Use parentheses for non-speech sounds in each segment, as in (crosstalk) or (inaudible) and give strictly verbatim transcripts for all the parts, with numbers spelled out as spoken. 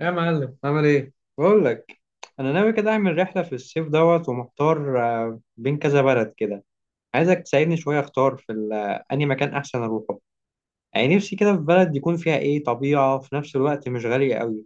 يا معلم، عامل ايه؟ بقول لك انا ناوي كده اعمل رحله في الصيف دوت، ومحتار آه، بين كذا بلد كده. عايزك تساعدني شويه اختار في ال- آه، انهي مكان احسن اروحه. يعني نفسي كده في بلد يكون فيها ايه، طبيعه، وفي نفس الوقت مش غاليه قوي.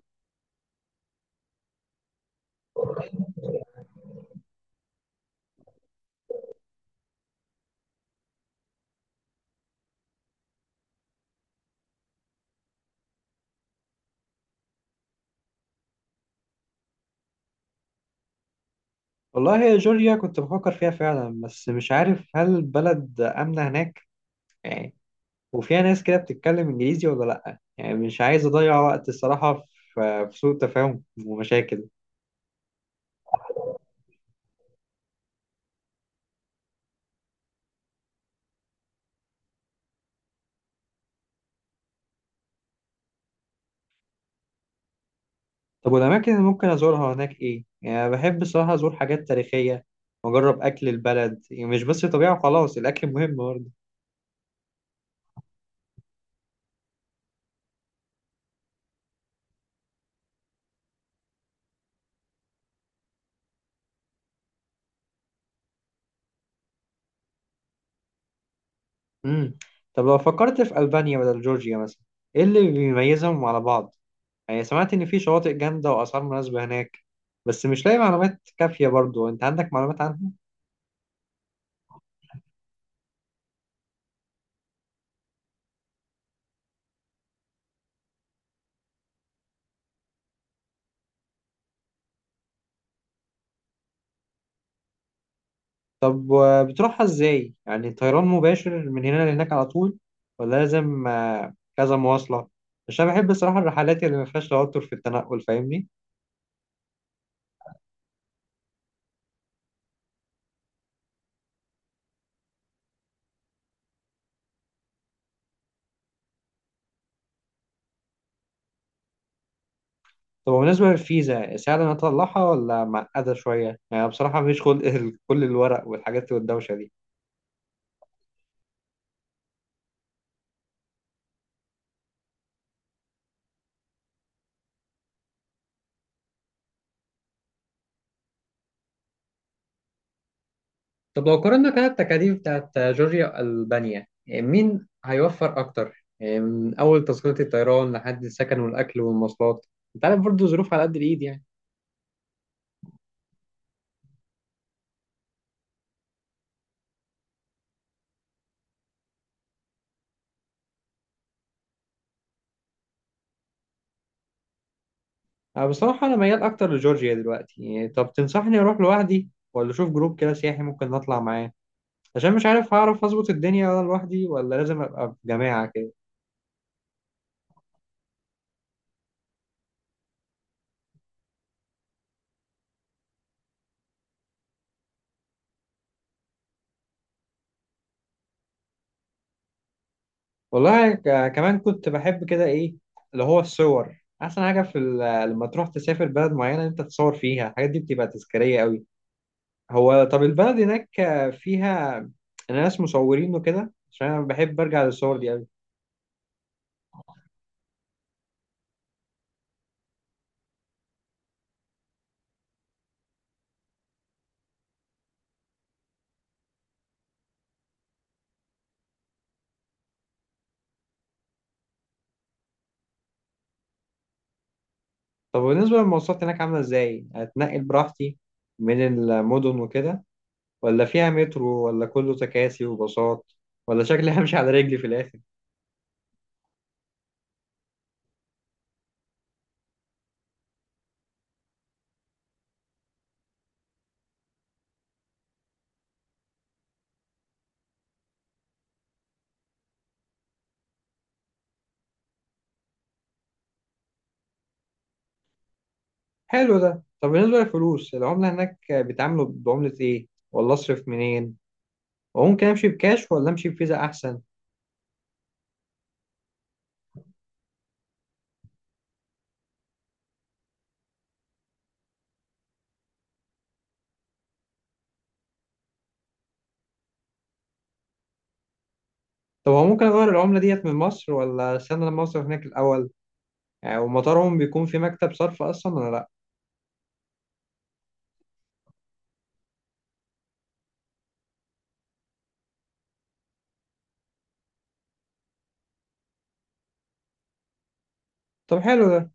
والله يا جورجيا كنت بفكر فيها فعلا، بس مش عارف هل البلد امنه هناك يعني، وفيها ناس كده بتتكلم انجليزي ولا لا؟ يعني مش عايز اضيع وقت الصراحه في آه، في سوء تفاهم ومشاكل. طب والأماكن اللي ممكن أزورها هناك إيه؟ يعني أنا بحب الصراحة أزور حاجات تاريخية وأجرب أكل البلد، يعني مش بس طبيعة وخلاص، الأكل مهم برضه. امم طب لو فكرت في ألبانيا بدل جورجيا مثلا، إيه اللي بيميزهم على بعض؟ يعني سمعت إن في شواطئ جامدة وأسعار مناسبة هناك، بس مش لاقي معلومات كافية برضه، أنت عندك معلومات عنها؟ طب و- بتروحها إزاي؟ يعني طيران مباشر من هنا لهناك على طول، ولا لازم آه، كذا مواصلة؟ عشان بحب الصراحة الرحلات اللي ما فيهاش توتر في التنقل، فاهمني؟ طب بالنسبة للفيزا، سهل إن أنا أطلعها ولا معقدة شوية؟ يعني بصراحة مفيش خلق (laughs) كل الورق والحاجات والدوشة دي. طب لو قارنا كده التكاليف بتاعت جورجيا وألبانيا، يعني مين هيوفر أكتر؟ يعني من أول تذكرة الطيران لحد السكن والأكل والمواصلات. أنت عارف برضه، ظروف على قد الإيد يعني. أنا بصراحة أنا ميال أكتر لجورجيا دلوقتي يعني. طب تنصحني أروح لوحدي ولا أشوف جروب كده سياحي ممكن نطلع معاه؟ عشان مش عارف هعرف أظبط الدنيا وأنا لوحدي، ولا لازم أبقى في جماعة كده. والله ك- كمان كنت بحب كده ايه، اللي هو الصور. احسن حاجه في ال- لما تروح تسافر بلد معينه انت تصور فيها، الحاجات دي بتبقى تذكاريه قوي. هو طب البلد هناك فيها ناس مصورين وكده؟ عشان انا بحب ارجع للصور دي قوي. طب بالنسبه للمواصلات هناك، عامله ازاي؟ اتنقل براحتي من المدن وكده، ولا فيها مترو، ولا كله تكاسي وباصات، ولا شكلي (laughs) همشي على رجلي في الاخر؟ حلو ده. طب بالنسبه للفلوس، العمله هناك بيتعاملوا بعمله ايه؟ ولا اصرف منين؟ وممكن امشي بكاش ولا امشي بفيزا احسن؟ طب هو ممكن اغير العمله ديت من مصر، ولا استنى لما اوصل هناك الاول؟ يعني ومطارهم بيكون في مكتب صرف اصلا ولا لا؟ طب حلو ده.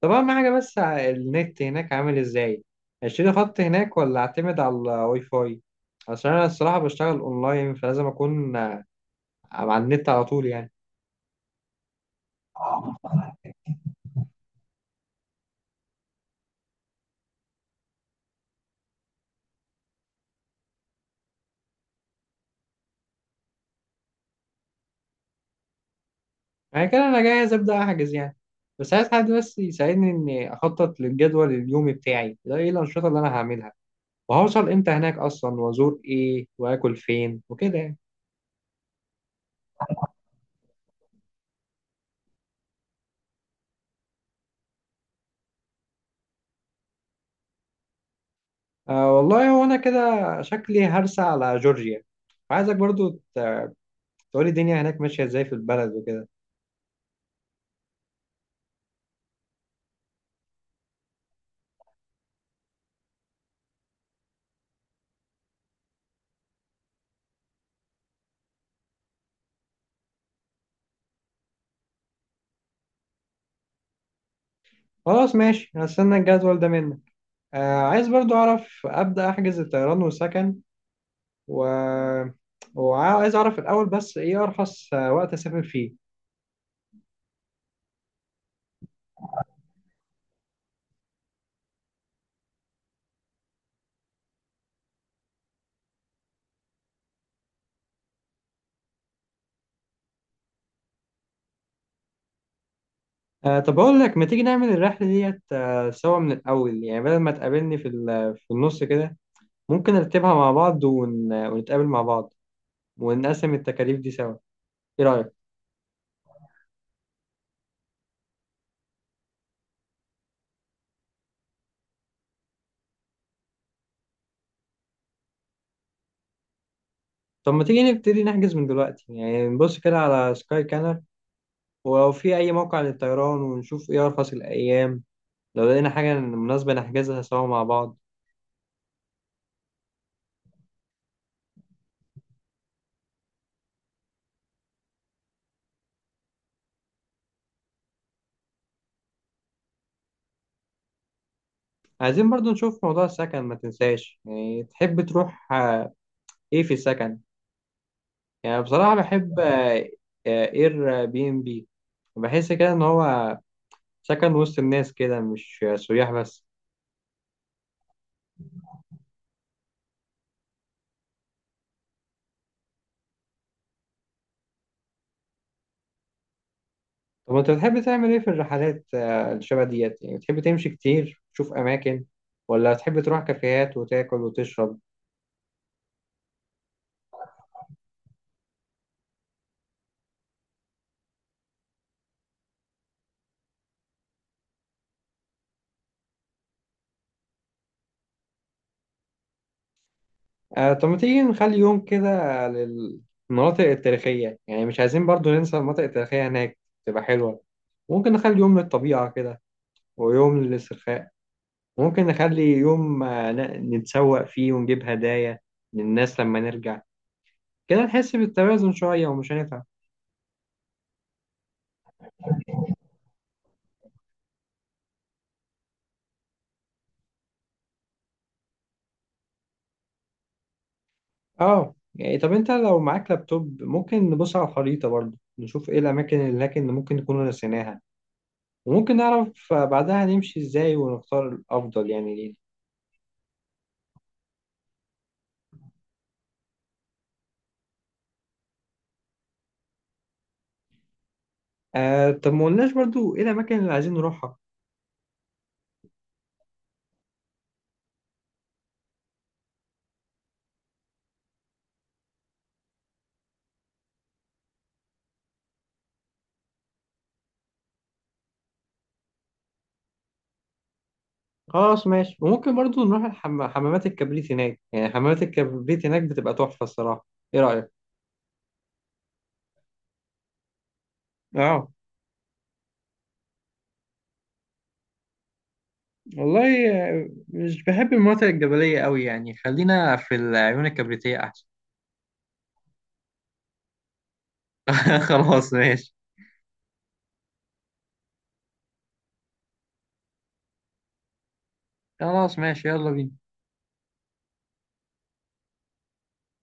طب اهم حاجه بس، ع- النت هناك عامل ازاي؟ اشتري خط هناك ولا اعتمد على الواي فاي؟ عشان انا الصراحه بشتغل اونلاين، فلازم اكون آه، على النت على طول يعني. يعني كده انا جاهز ابدا احجز يعني، بس عايز حد بس يساعدني اني اخطط للجدول اليومي بتاعي ده، ايه الانشطه اللي انا هعملها، وهوصل امتى هناك اصلا، وازور ايه، واكل فين، وكده يعني. آه والله هو انا كده شكلي هرسى على جورجيا. عايزك برضو ت- تقولي الدنيا هناك ماشية ازاي في البلد وكده. خلاص ماشي، هستنى الجدول ده منك. آه عايز برضو اعرف ابدأ احجز الطيران والسكن و... وعايز اعرف الاول بس ايه ارخص آه، وقت اسافر فيه. آه طب اقول لك، ما تيجي نعمل الرحلة ديت آه سوا من الاول؟ يعني بدل ما تقابلني في ال... في النص كده، ممكن نرتبها مع بعض ون... ونتقابل مع بعض ونقسم التكاليف دي سوا. ايه رأيك؟ طب ما تيجي نبتدي نحجز من دلوقتي؟ يعني نبص كده على سكاي كانر، ولو في اي موقع للطيران، ونشوف ايه ارخص الايام. لو لقينا حاجة مناسبة نحجزها سوا مع بعض. عايزين برضو نشوف موضوع السكن، ما تنساش يعني. تحب تروح آه، ايه في السكن؟ يعني بصراحة بحب آه، آه، اير بي ام بي. بحس كده ان هو سكن وسط الناس كده، مش سياح بس. طب انت بتحب تعمل ايه في الرحلات آه، الشبه ديت؟ يعني بتحب تمشي كتير تشوف اماكن، ولا تحب تروح كافيهات وتاكل وتشرب؟ آه طب ما تيجي نخلي يوم كده للمناطق التاريخية؟ يعني مش عايزين برضو ننسى المناطق التاريخية هناك، تبقى حلوة. ممكن نخلي يوم للطبيعة كده، ويوم للاسترخاء. ممكن نخلي يوم آه، ن- نتسوق فيه ونجيب هدايا للناس لما نرجع. كده نحس بالتوازن شوية ومش هنتعب. اه يعني طب انت لو معاك لابتوب، ممكن نبص على الخريطة برضو، نشوف ايه الأماكن اللي هناك اللي ممكن نكون نسيناها. وممكن نعرف بعدها نمشي ازاي ونختار الأفضل يعني لينا. آه طب ما قلناش برضو ايه الأماكن اللي عايزين نروحها. خلاص ماشي. وممكن برضو نروح الحم... حمامات الكبريت هناك، يعني حمامات الكبريت هناك بتبقى تحفة الصراحة. ايه رأيك؟ اه والله آه، مش بحب المناطق الجبلية قوي يعني، خلينا في العيون الكبريتية أحسن. (laughs) خلاص ماشي. خلاص ماشي، يلا بينا.